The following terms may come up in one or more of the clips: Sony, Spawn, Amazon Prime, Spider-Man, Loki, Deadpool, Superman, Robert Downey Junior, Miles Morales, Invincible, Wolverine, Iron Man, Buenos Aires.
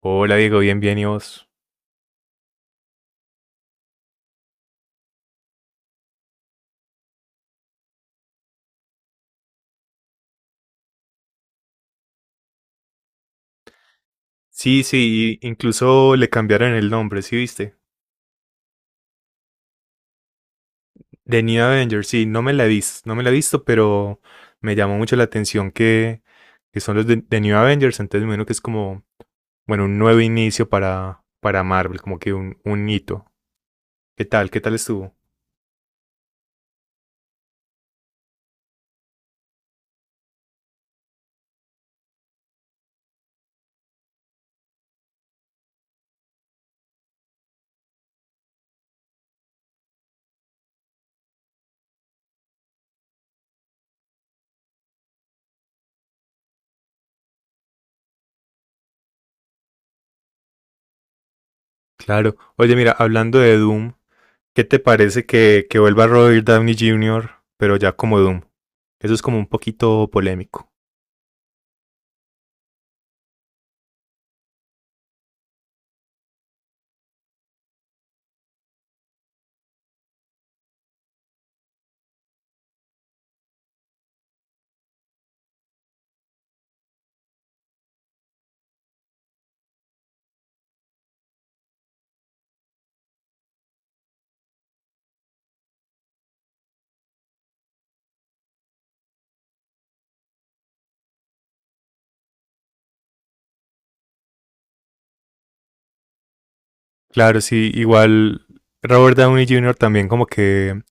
Hola Diego, bien, bien, ¿y vos? Sí, sí, y incluso le cambiaron el nombre, ¿sí viste? The New Avengers, sí, no me la he visto, no me la he visto, pero me llamó mucho la atención que son los de, The New Avengers, entonces bueno que es como, bueno, un nuevo inicio para Marvel, como que un hito. ¿Qué tal? ¿Qué tal estuvo? Claro. Oye, mira, hablando de Doom, ¿qué te parece que vuelva Robert Downey Junior, pero ya como Doom? Eso es como un poquito polémico. Claro, sí, igual Robert Downey Jr. también como que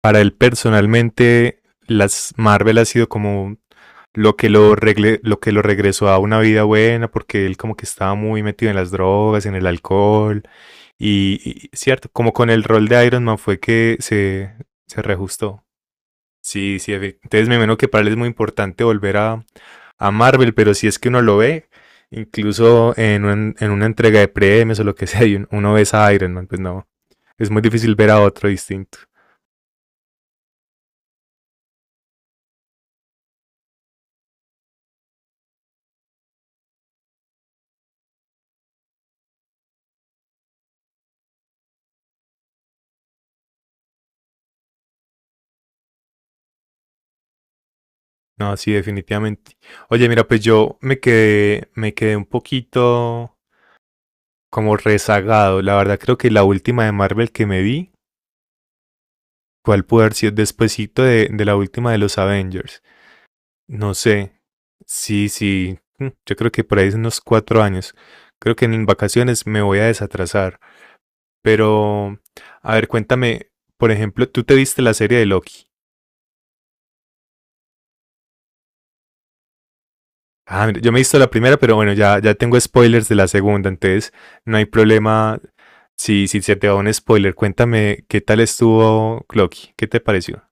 para él personalmente las Marvel ha sido como lo que lo regresó a una vida buena porque él como que estaba muy metido en las drogas, en el alcohol y cierto, como con el rol de Iron Man fue que se reajustó. Sí, sí, entonces me imagino que para él es muy importante volver a Marvel, pero si es que uno lo ve, incluso en una entrega de premios o lo que sea, y uno ve a Iron Man, pues no, es muy difícil ver a otro distinto. No, sí, definitivamente. Oye, mira, pues yo me quedé un poquito como rezagado. La verdad creo que la última de Marvel que me vi, ¿cuál puede haber sido despuesito de la última de los Avengers? No sé, sí, sí, yo creo que por ahí es unos 4 años. Creo que en vacaciones me voy a desatrasar. Pero, a ver, cuéntame, por ejemplo, tú te viste la serie de Loki. Ah, mira, yo me he visto la primera, pero bueno, ya tengo spoilers de la segunda, entonces no hay problema si se te va un spoiler. Cuéntame qué tal estuvo Loki, qué te pareció.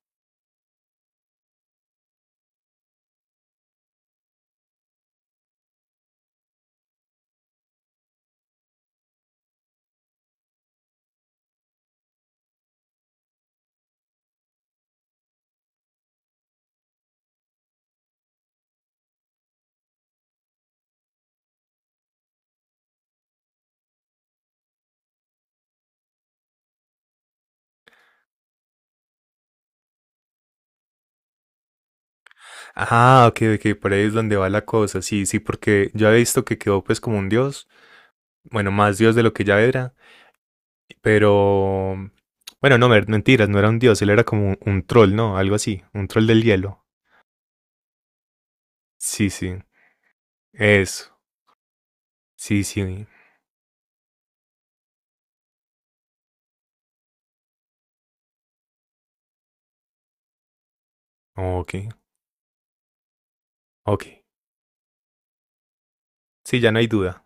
Ah, ok, ok, por ahí es donde va la cosa. Sí, sí, porque yo había visto que quedó pues como un dios, bueno, más dios de lo que ya era. Pero, bueno, no, mentiras, no era un dios, él era como un troll, ¿no? Algo así, un troll del hielo. Sí, sí, eso. Sí, sí, ok, ok. Sí, ya no hay duda.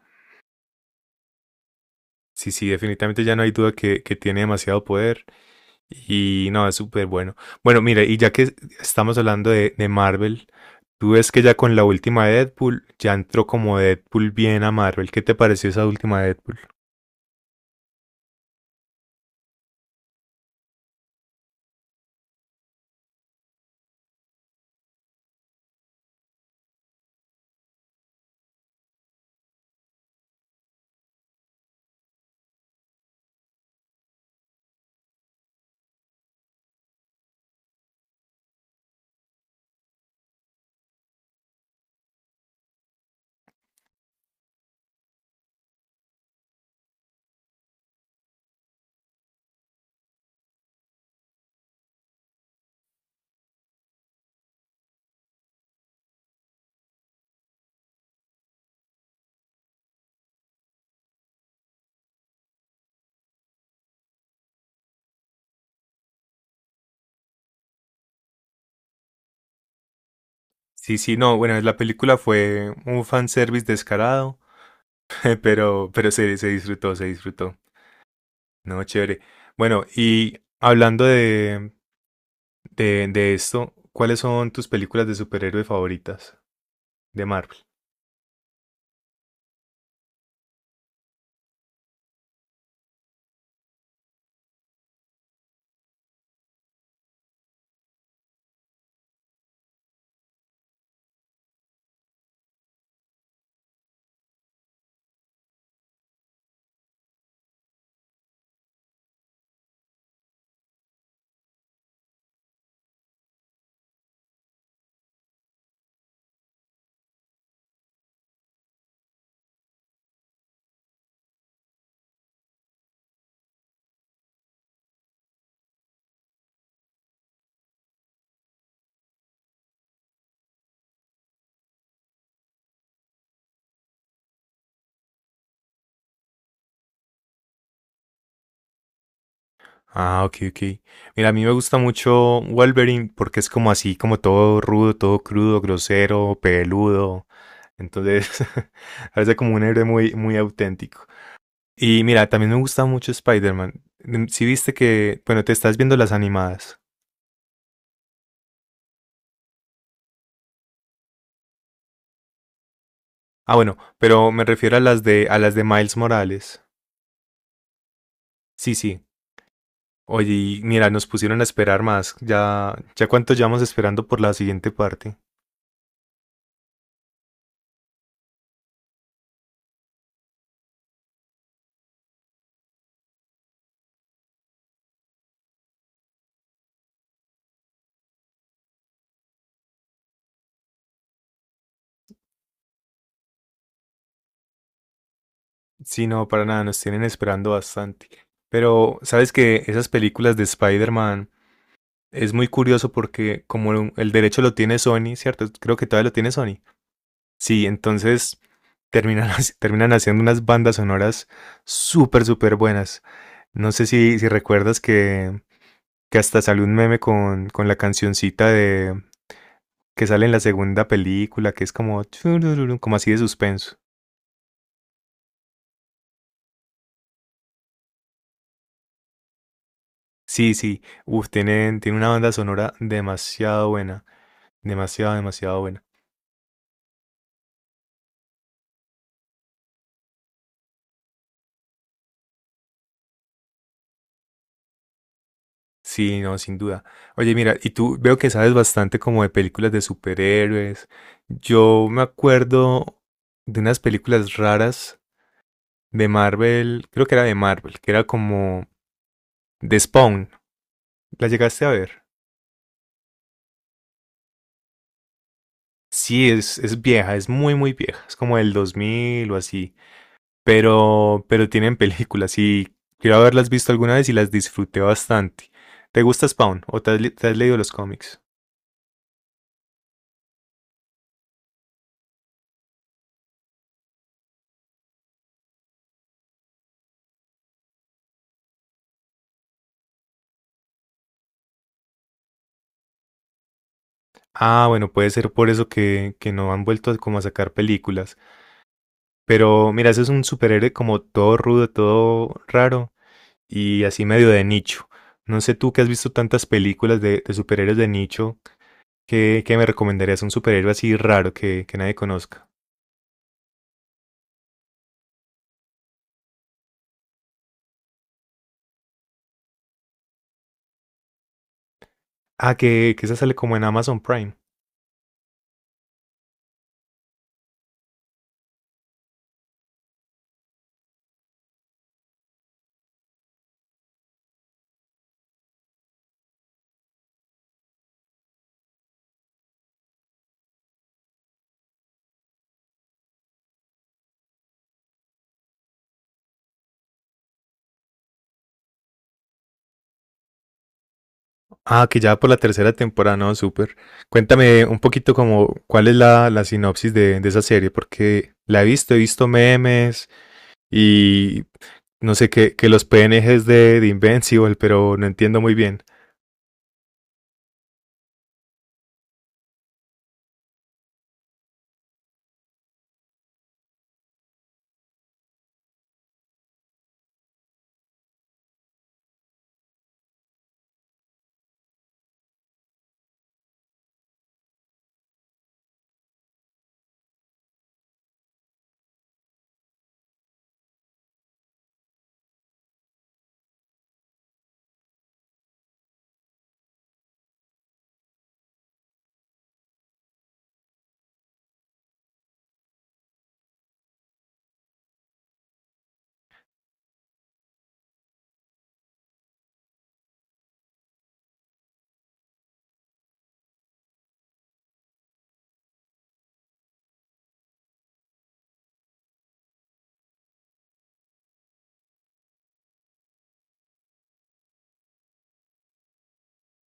Sí, sí, definitivamente ya no hay duda que tiene demasiado poder y no, es súper bueno. Bueno, mire, y ya que estamos hablando de Marvel, tú ves que ya con la última de Deadpool, ya entró como Deadpool bien a Marvel. ¿Qué te pareció esa última de Deadpool? Sí, sí, no, bueno, la película fue un fanservice descarado. Pero se disfrutó, se disfrutó. No, chévere. Bueno, y hablando de esto, ¿cuáles son tus películas de superhéroe favoritas de Marvel? Ah, ok, ok. Mira, a mí me gusta mucho Wolverine porque es como así, como todo rudo, todo crudo, grosero, peludo. Entonces, parece como un héroe muy, muy auténtico. Y mira, también me gusta mucho Spider-Man. Si viste que, bueno, te estás viendo las animadas. Ah, bueno, pero me refiero a las de Miles Morales. Sí, sí. Oye, y mira, nos pusieron a esperar más. Ya cuánto llevamos esperando por la siguiente parte. Sí, no, para nada, nos tienen esperando bastante. Pero, ¿sabes que esas películas de Spider-Man es muy curioso porque como el derecho lo tiene Sony, ¿cierto? Creo que todavía lo tiene Sony. Sí, entonces terminan haciendo unas bandas sonoras súper, súper buenas. No sé si recuerdas que hasta sale un meme con la cancioncita de que sale en la segunda película, que es como, churururu, como así de suspenso. Sí, sí, uf, tiene una banda sonora demasiado buena, demasiado, demasiado buena. Sí, no, sin duda. Oye, mira, y tú veo que sabes bastante como de películas de superhéroes. Yo me acuerdo de unas películas raras de Marvel, creo que era de Marvel, que era como de Spawn. ¿La llegaste a ver? Sí, es vieja, es muy, muy vieja. Es como del 2000 o así. Pero tienen películas y quiero haberlas visto alguna vez y las disfruté bastante. ¿Te gusta Spawn o te has leído los cómics? Ah, bueno, puede ser por eso que no han vuelto como a sacar películas. Pero mira, ese es un superhéroe como todo rudo, todo raro y así medio de nicho. No sé tú que has visto tantas películas de superhéroes de nicho, ¿qué me recomendarías un superhéroe así raro que nadie conozca? Ah, que esa sale como en Amazon Prime. Ah, que ya por la tercera temporada, no, súper. Cuéntame un poquito como cuál es la sinopsis de esa serie, porque he visto memes y no sé, que los PNGs de Invincible, pero no entiendo muy bien.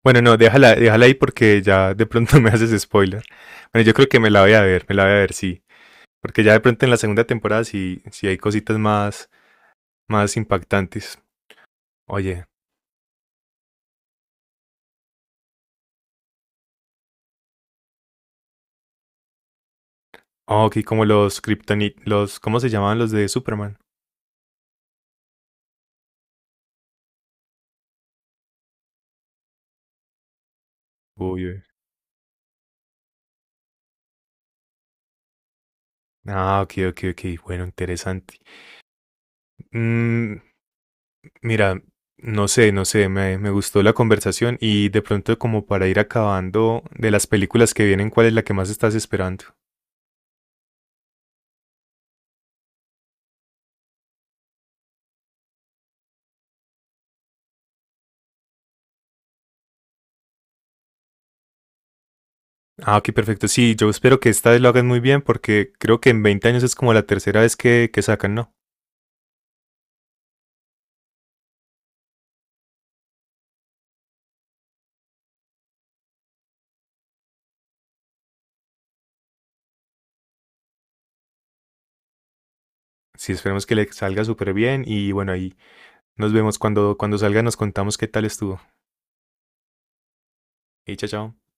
Bueno, no, déjala, déjala ahí porque ya de pronto me haces spoiler. Bueno, yo creo que me la voy a ver, me la voy a ver, sí. Porque ya de pronto en la segunda temporada sí, sí hay cositas más, más impactantes. Oye, ah, ok, como los Kryptonit, los, ¿cómo se llamaban los de Superman? Uy, uy. Ah, ok, ok, ok, bueno, interesante. Mm, mira, no sé, no sé, me gustó la conversación y de pronto como para ir acabando de las películas que vienen, ¿cuál es la que más estás esperando? Ah, ok, perfecto. Sí, yo espero que esta vez lo hagan muy bien porque creo que en 20 años es como la tercera vez que sacan, ¿no? Sí, esperemos que le salga súper bien y bueno, ahí nos vemos cuando salga, nos contamos qué tal estuvo. Y chao, chao.